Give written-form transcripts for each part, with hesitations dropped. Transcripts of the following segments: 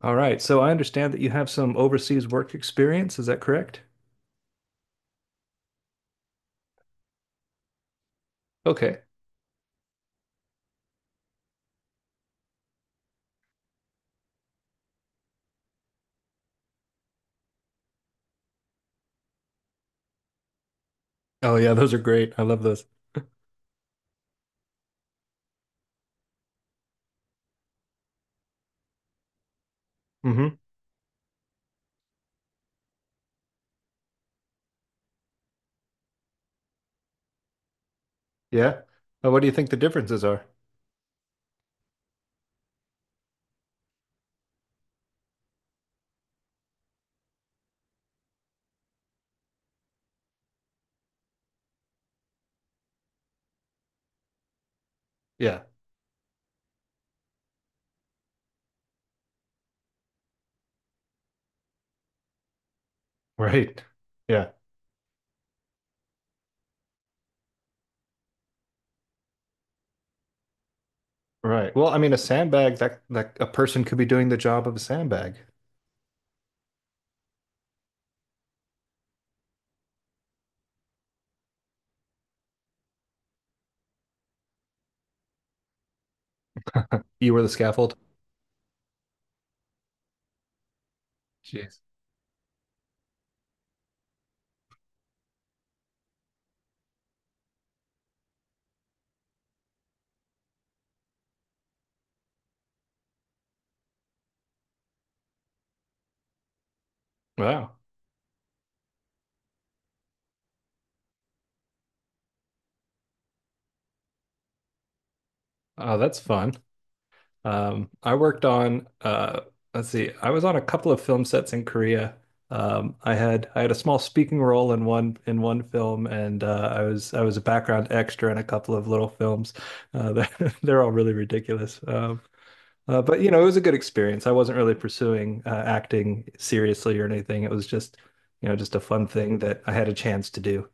All right. So I understand that you have some overseas work experience. Is that correct? Okay. Oh, yeah. Those are great. I love those. hmm Yeah. What do you think the differences are? Yeah. Right. Yeah. Right. Well, I mean, a sandbag, that a person could be doing the job of a sandbag. You were the scaffold. Jeez. Wow. Oh, that's fun. I worked on let's see, I was on a couple of film sets in Korea. I had a small speaking role in one film, and I was a background extra in a couple of little films. They're, they're all really ridiculous. But you know, it was a good experience. I wasn't really pursuing acting seriously or anything. It was just you know just a fun thing that I had a chance to do.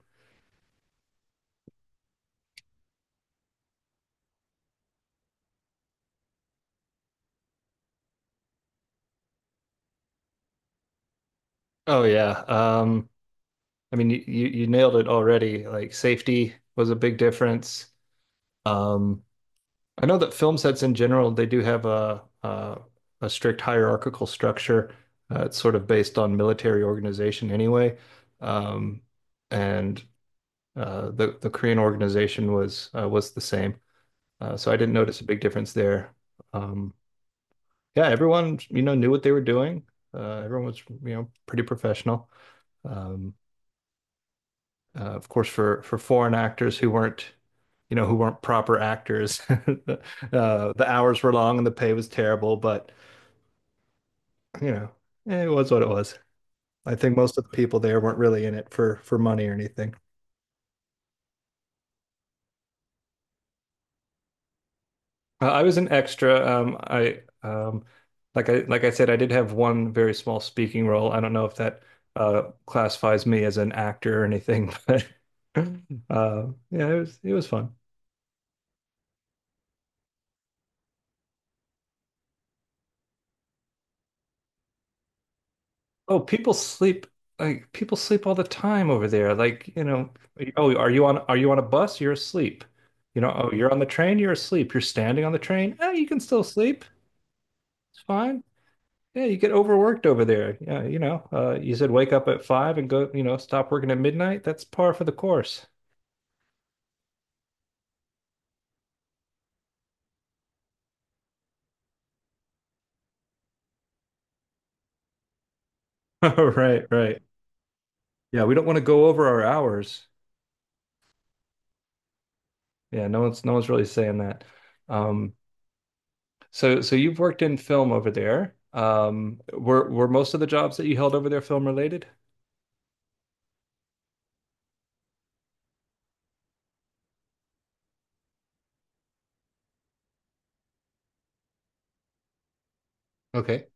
Oh yeah. I mean, you nailed it already. Like, safety was a big difference. Um, I know that film sets in general, they do have a strict hierarchical structure. It's sort of based on military organization anyway. Um, and the Korean organization was the same. So I didn't notice a big difference there. Um, yeah, everyone, you know, knew what they were doing. Everyone was, you know, pretty professional. Um, of course, for foreign actors who weren't, you know, who weren't proper actors, the hours were long and the pay was terrible. But you know, eh, it was what it was. I think most of the people there weren't really in it for money or anything. I was an extra. I Like I said, I did have one very small speaking role. I don't know if that classifies me as an actor or anything, but yeah, it was fun. Oh, people sleep like people sleep all the time over there. Like, you know, oh, are you on, are you on a bus? You're asleep. You know, oh, you're on the train, you're asleep. You're standing on the train. Eh, you can still sleep. It's fine. Yeah, you get overworked over there. Yeah, you know, you said wake up at five and go, you know, stop working at midnight. That's par for the course. Right, right. Yeah, we don't want to go over our hours. Yeah, no one's really saying that. Um, So, so you've worked in film over there. Were most of the jobs that you held over there film related? Okay.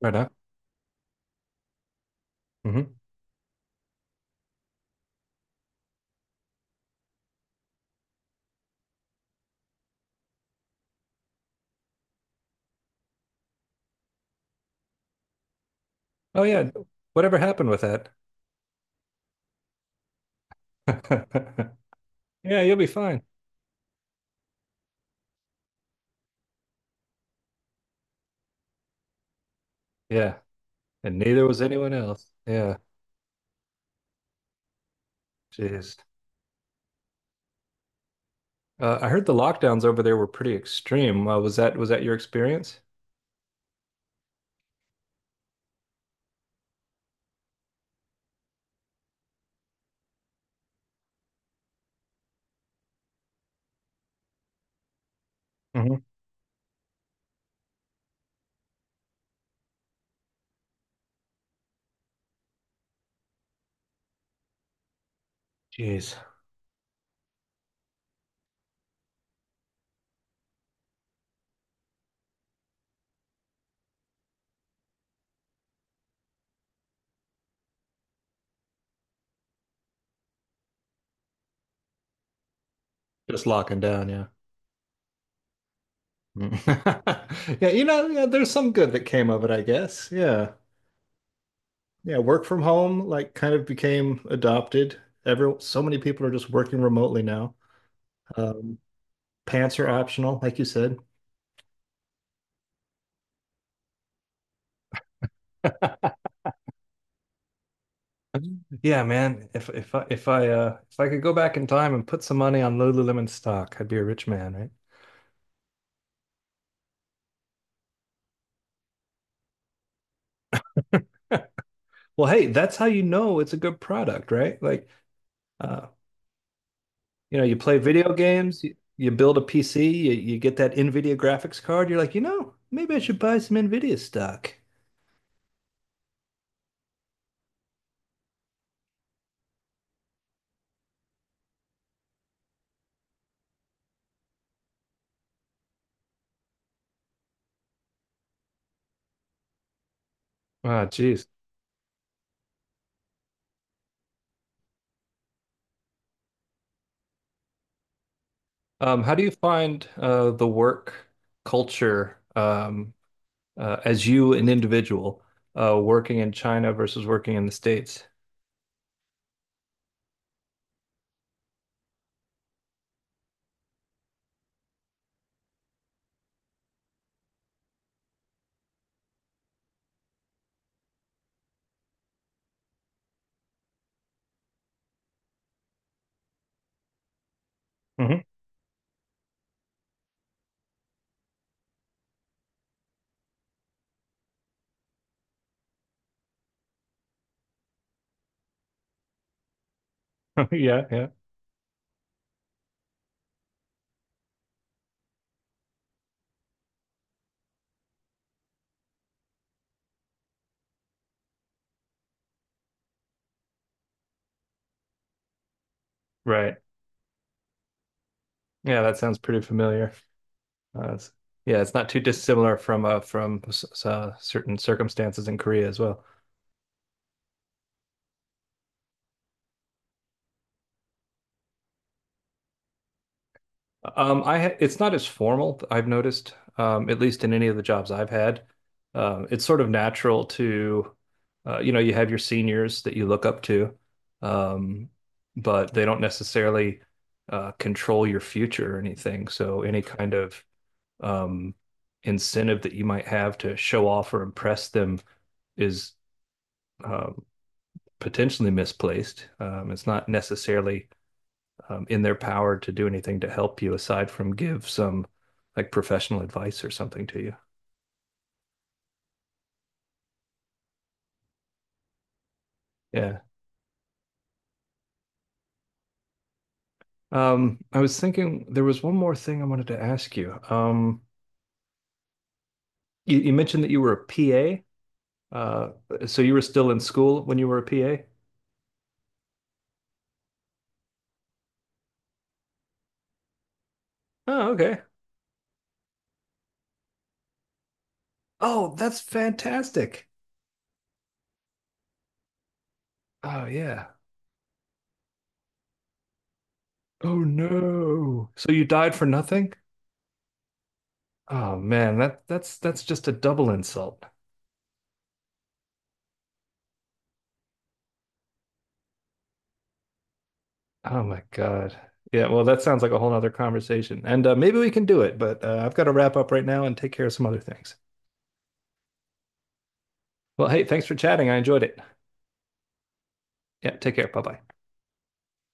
Right now. hmm Oh yeah. Whatever happened with that? Yeah, you'll be fine. Yeah. And neither was anyone else. Yeah. Jeez. I heard the lockdowns over there were pretty extreme. Was that, was that your experience? hmm Jeez. Just locking down, yeah. Mm. Yeah, you know, yeah, there's some good that came of it, I guess. Yeah. Yeah, work from home like kind of became adopted. Every so many people are just working remotely now. Um, pants are optional, like you said. Yeah, man. If if I could go back in time and put some money on Lululemon stock, I'd be a rich man, right? Well, hey, that's how you know it's a good product, right? Like, uh, you know, you play video games, you build a PC, you, you get that NVIDIA graphics card, you're like, you know, maybe I should buy some NVIDIA stock. Ah, geez. How do you find the work culture as you, an individual, working in China versus working in the States? hmm yeah, right. Yeah, that sounds pretty familiar. Uh, it's- yeah, it's not too dissimilar from certain circumstances in Korea as well. I ha it's not as formal, I've noticed, at least in any of the jobs I've had. It's sort of natural to, you know, you have your seniors that you look up to, um, but they don't necessarily control your future or anything. So any kind of um, incentive that you might have to show off or impress them is um, potentially misplaced. It's not necessarily in their power to do anything to help you aside from give some like professional advice or something to you. Yeah. I was thinking there was one more thing I wanted to ask you. You, you mentioned that you were a PA. So you were still in school when you were a PA? Oh, okay. Oh, that's fantastic. Oh, yeah. Oh no. So you died for nothing? Oh man, that's just a double insult. Oh my God. Yeah, well, that sounds like a whole other conversation. And maybe we can do it, but I've got to wrap up right now and take care of some other things. Well, hey, thanks for chatting. I enjoyed it. Yeah, take care. Bye bye.